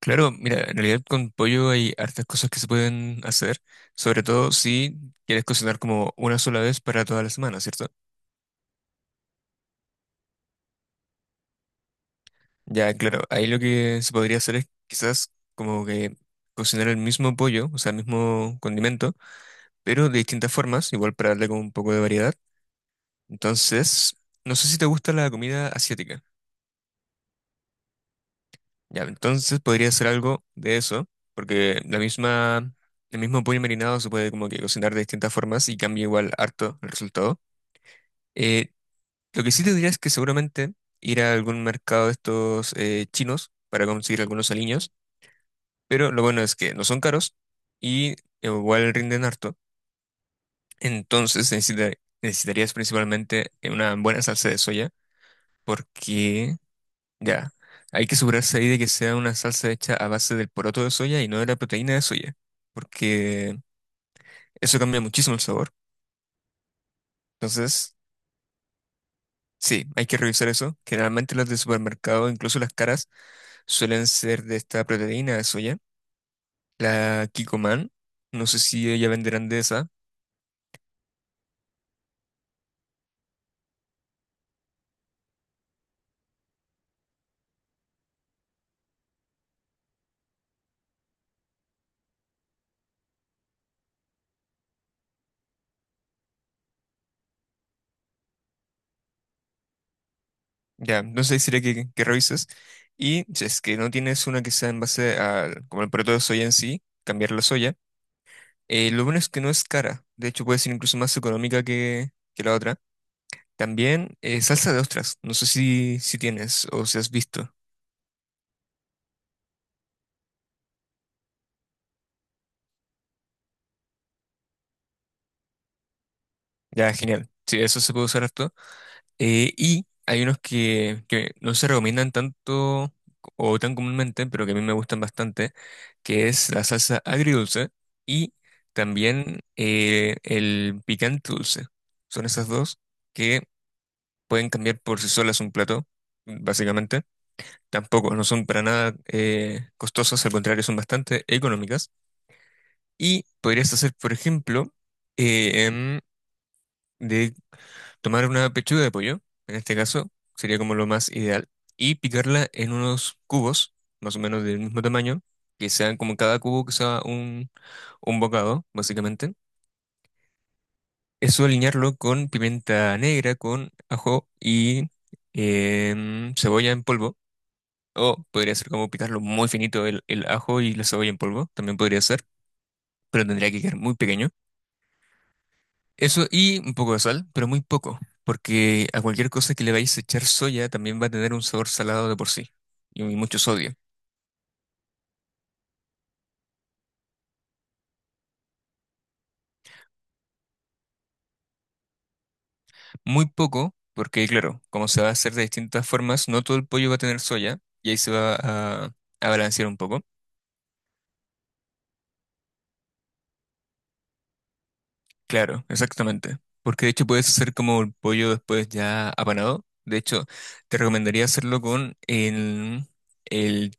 Claro, mira, en realidad con pollo hay hartas cosas que se pueden hacer, sobre todo si quieres cocinar como una sola vez para toda la semana, ¿cierto? Ya, claro, ahí lo que se podría hacer es quizás como que cocinar el mismo pollo, o sea, el mismo condimento, pero de distintas formas, igual para darle como un poco de variedad. Entonces, no sé si te gusta la comida asiática. Ya, entonces podría hacer algo de eso, porque la misma, el mismo pollo marinado se puede como que cocinar de distintas formas y cambia igual harto el resultado. Eh, lo que sí te diría es que seguramente ir a algún mercado de estos chinos para conseguir algunos aliños, pero lo bueno es que no son caros y igual rinden harto. Entonces necesitarías principalmente una buena salsa de soya porque ya, hay que asegurarse ahí de que sea una salsa hecha a base del poroto de soya y no de la proteína de soya, porque eso cambia muchísimo el sabor. Entonces, sí, hay que revisar eso. Generalmente las de supermercado, incluso las caras, suelen ser de esta proteína de soya, la Kikoman. No sé si ella venderán de esa. Ya, entonces sería que revises. Y si es que no tienes una que sea en base al, como el producto de soya en sí, cambiar la soya. Lo bueno es que no es cara. De hecho, puede ser incluso más económica que la otra. También salsa de ostras. No sé si, si tienes o si has visto. Ya, genial. Sí, eso se puede usar harto. Y hay unos que no se recomiendan tanto o tan comúnmente, pero que a mí me gustan bastante, que es la salsa agridulce y también el picante dulce. Son esas dos que pueden cambiar por sí solas un plato, básicamente. Tampoco, no son para nada costosas, al contrario, son bastante económicas. Y podrías hacer, por ejemplo, eh, em, tomar una pechuga de pollo, en este caso, sería como lo más ideal, y picarla en unos cubos, más o menos del mismo tamaño, que sean como cada cubo que sea un bocado, básicamente. Eso alinearlo con pimienta negra, con ajo y cebolla en polvo, o podría ser como picarlo muy finito el ajo y la cebolla en polvo, también podría ser, pero tendría que quedar muy pequeño. Eso y un poco de sal, pero muy poco, porque a cualquier cosa que le vayáis a echar soya también va a tener un sabor salado de por sí y mucho sodio. Muy poco, porque claro, como se va a hacer de distintas formas, no todo el pollo va a tener soya y ahí se va a balancear un poco. Claro, exactamente. Porque de hecho puedes hacer como el pollo después ya apanado. De hecho, te recomendaría hacerlo con el,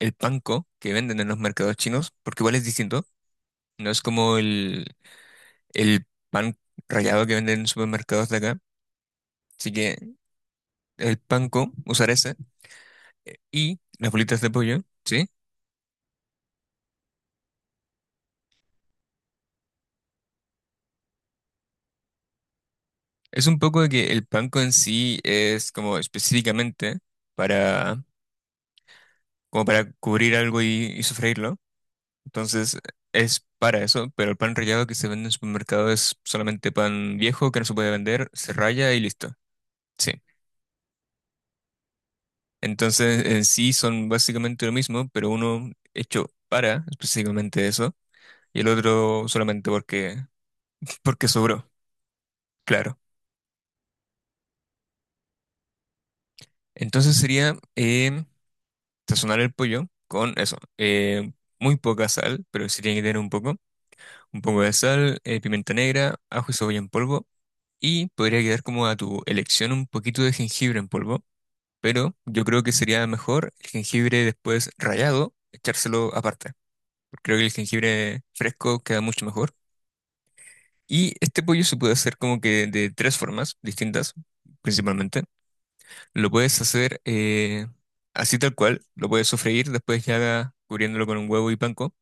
el panko que venden en los mercados chinos, porque igual es distinto. No es como el pan rallado que venden en supermercados de acá. Así que el panko, usar ese, y las bolitas de pollo, ¿sí? Es un poco de que el panko en sí es como específicamente para, como para cubrir algo y sofreírlo. Entonces es para eso, pero el pan rallado que se vende en supermercado es solamente pan viejo que no se puede vender, se raya y listo. Sí. Entonces en sí son básicamente lo mismo, pero uno hecho para específicamente eso y el otro solamente porque, porque sobró, claro. Entonces sería sazonar el pollo con eso, muy poca sal, pero sí tiene que tener un poco de sal, pimienta negra, ajo y cebolla en polvo, y podría quedar como a tu elección un poquito de jengibre en polvo, pero yo creo que sería mejor el jengibre después rallado, echárselo aparte, porque creo que el jengibre fresco queda mucho mejor. Y este pollo se puede hacer como que de tres formas distintas principalmente. Lo puedes hacer así tal cual, lo puedes sofreír, después ya cubriéndolo con un huevo y panko.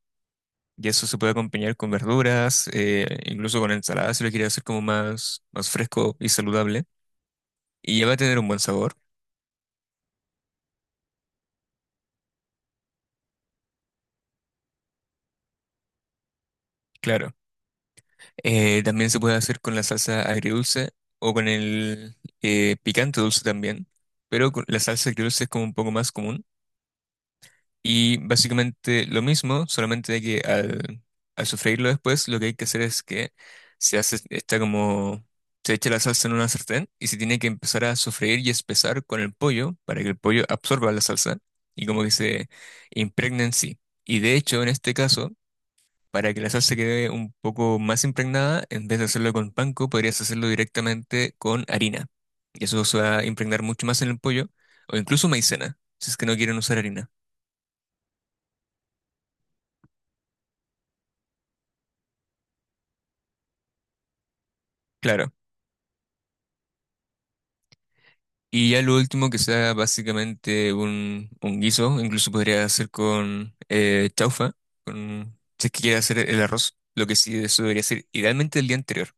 Y eso se puede acompañar con verduras, incluso con ensalada si lo quieres hacer como más, más fresco y saludable. Y ya va a tener un buen sabor, claro. También se puede hacer con la salsa agridulce o con el picante dulce también. Pero con la salsa agridulce es como un poco más común. Y básicamente lo mismo, solamente de que al sofreírlo después, lo que hay que hacer es que se hace, está como, se echa la salsa en una sartén y se tiene que empezar a sofreír y espesar con el pollo para que el pollo absorba la salsa y como que se impregne en sí. Y de hecho, en este caso, para que la salsa quede un poco más impregnada, en vez de hacerlo con panko, podrías hacerlo directamente con harina. Y eso se va a impregnar mucho más en el pollo, o incluso maicena, si es que no quieren usar harina. Claro. Y ya lo último que sea básicamente un guiso, incluso podría hacer con chaufa, con, si es que quiere hacer el arroz, lo que sí, eso debería ser idealmente el día anterior.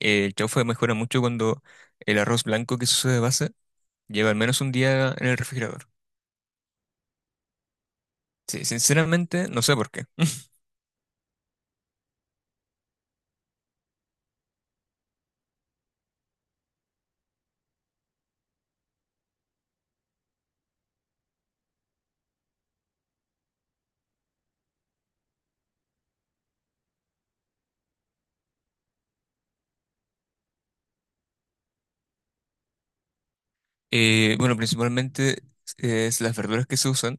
El chaufa mejora mucho cuando el arroz blanco que se usa de base lleva al menos un día en el refrigerador. Sí, sinceramente no sé por qué. Bueno, principalmente es las verduras que se usan,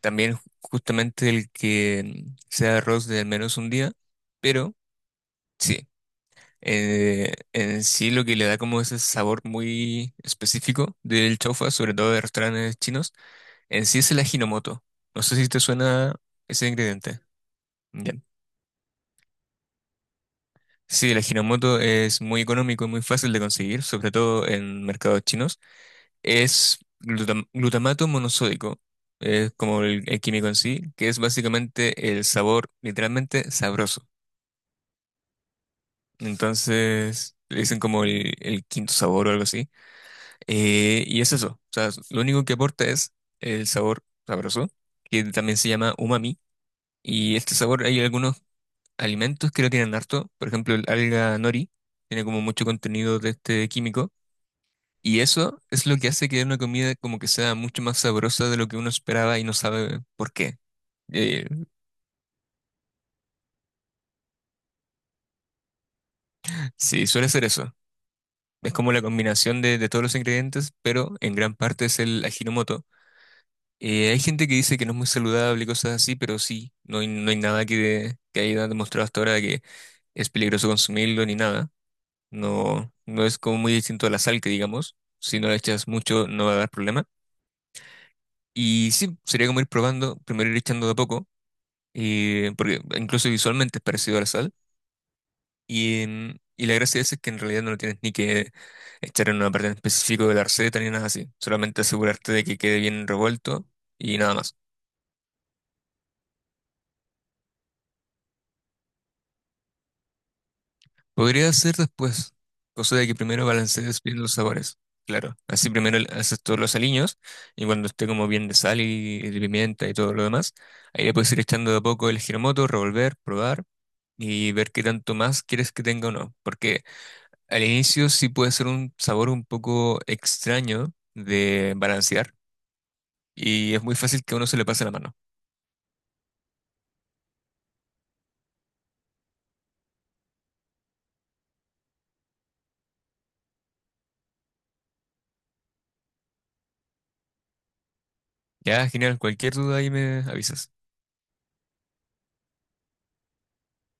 también justamente el que sea arroz de al menos un día, pero... sí. En sí lo que le da como ese sabor muy específico del chaufa, sobre todo de restaurantes chinos, en sí es el ajinomoto. No sé si te suena ese ingrediente. Bien, sí, el ajinomoto es muy económico y muy fácil de conseguir, sobre todo en mercados chinos. Es glutamato monosódico, es como el químico en sí, que es básicamente el sabor literalmente sabroso. Entonces, le dicen como el quinto sabor o algo así. Y es eso, o sea, lo único que aporta es el sabor sabroso, que también se llama umami. Y este sabor, hay algunos alimentos que lo tienen harto, por ejemplo, el alga nori, tiene como mucho contenido de este químico. Y eso es lo que hace que una comida como que sea mucho más sabrosa de lo que uno esperaba y no sabe por qué. Eh, sí, suele ser eso. Es como la combinación de todos los ingredientes, pero en gran parte es el ajinomoto. Hay gente que dice que no es muy saludable y cosas así, pero sí, no hay nada que haya demostrado hasta ahora que es peligroso consumirlo ni nada. No, no es como muy distinto a la sal que digamos. Si no la echas mucho no va a dar problema. Y sí, sería como ir probando, primero ir echando de a poco, porque incluso visualmente es parecido a la sal. Y, y la gracia de eso es que en realidad no lo tienes ni que echar en una parte en específico de la receta ni nada así. Solamente asegurarte de que quede bien revuelto y nada más. Podría hacer después, cosa de que primero balancees bien los sabores. Claro, así primero le haces todos los aliños y cuando esté como bien de sal y de pimienta y todo lo demás, ahí le puedes ir echando de a poco el giramoto, revolver, probar y ver qué tanto más quieres que tenga o no. Porque al inicio sí puede ser un sabor un poco extraño de balancear y es muy fácil que a uno se le pase la mano. Ya, genial, cualquier duda ahí me avisas.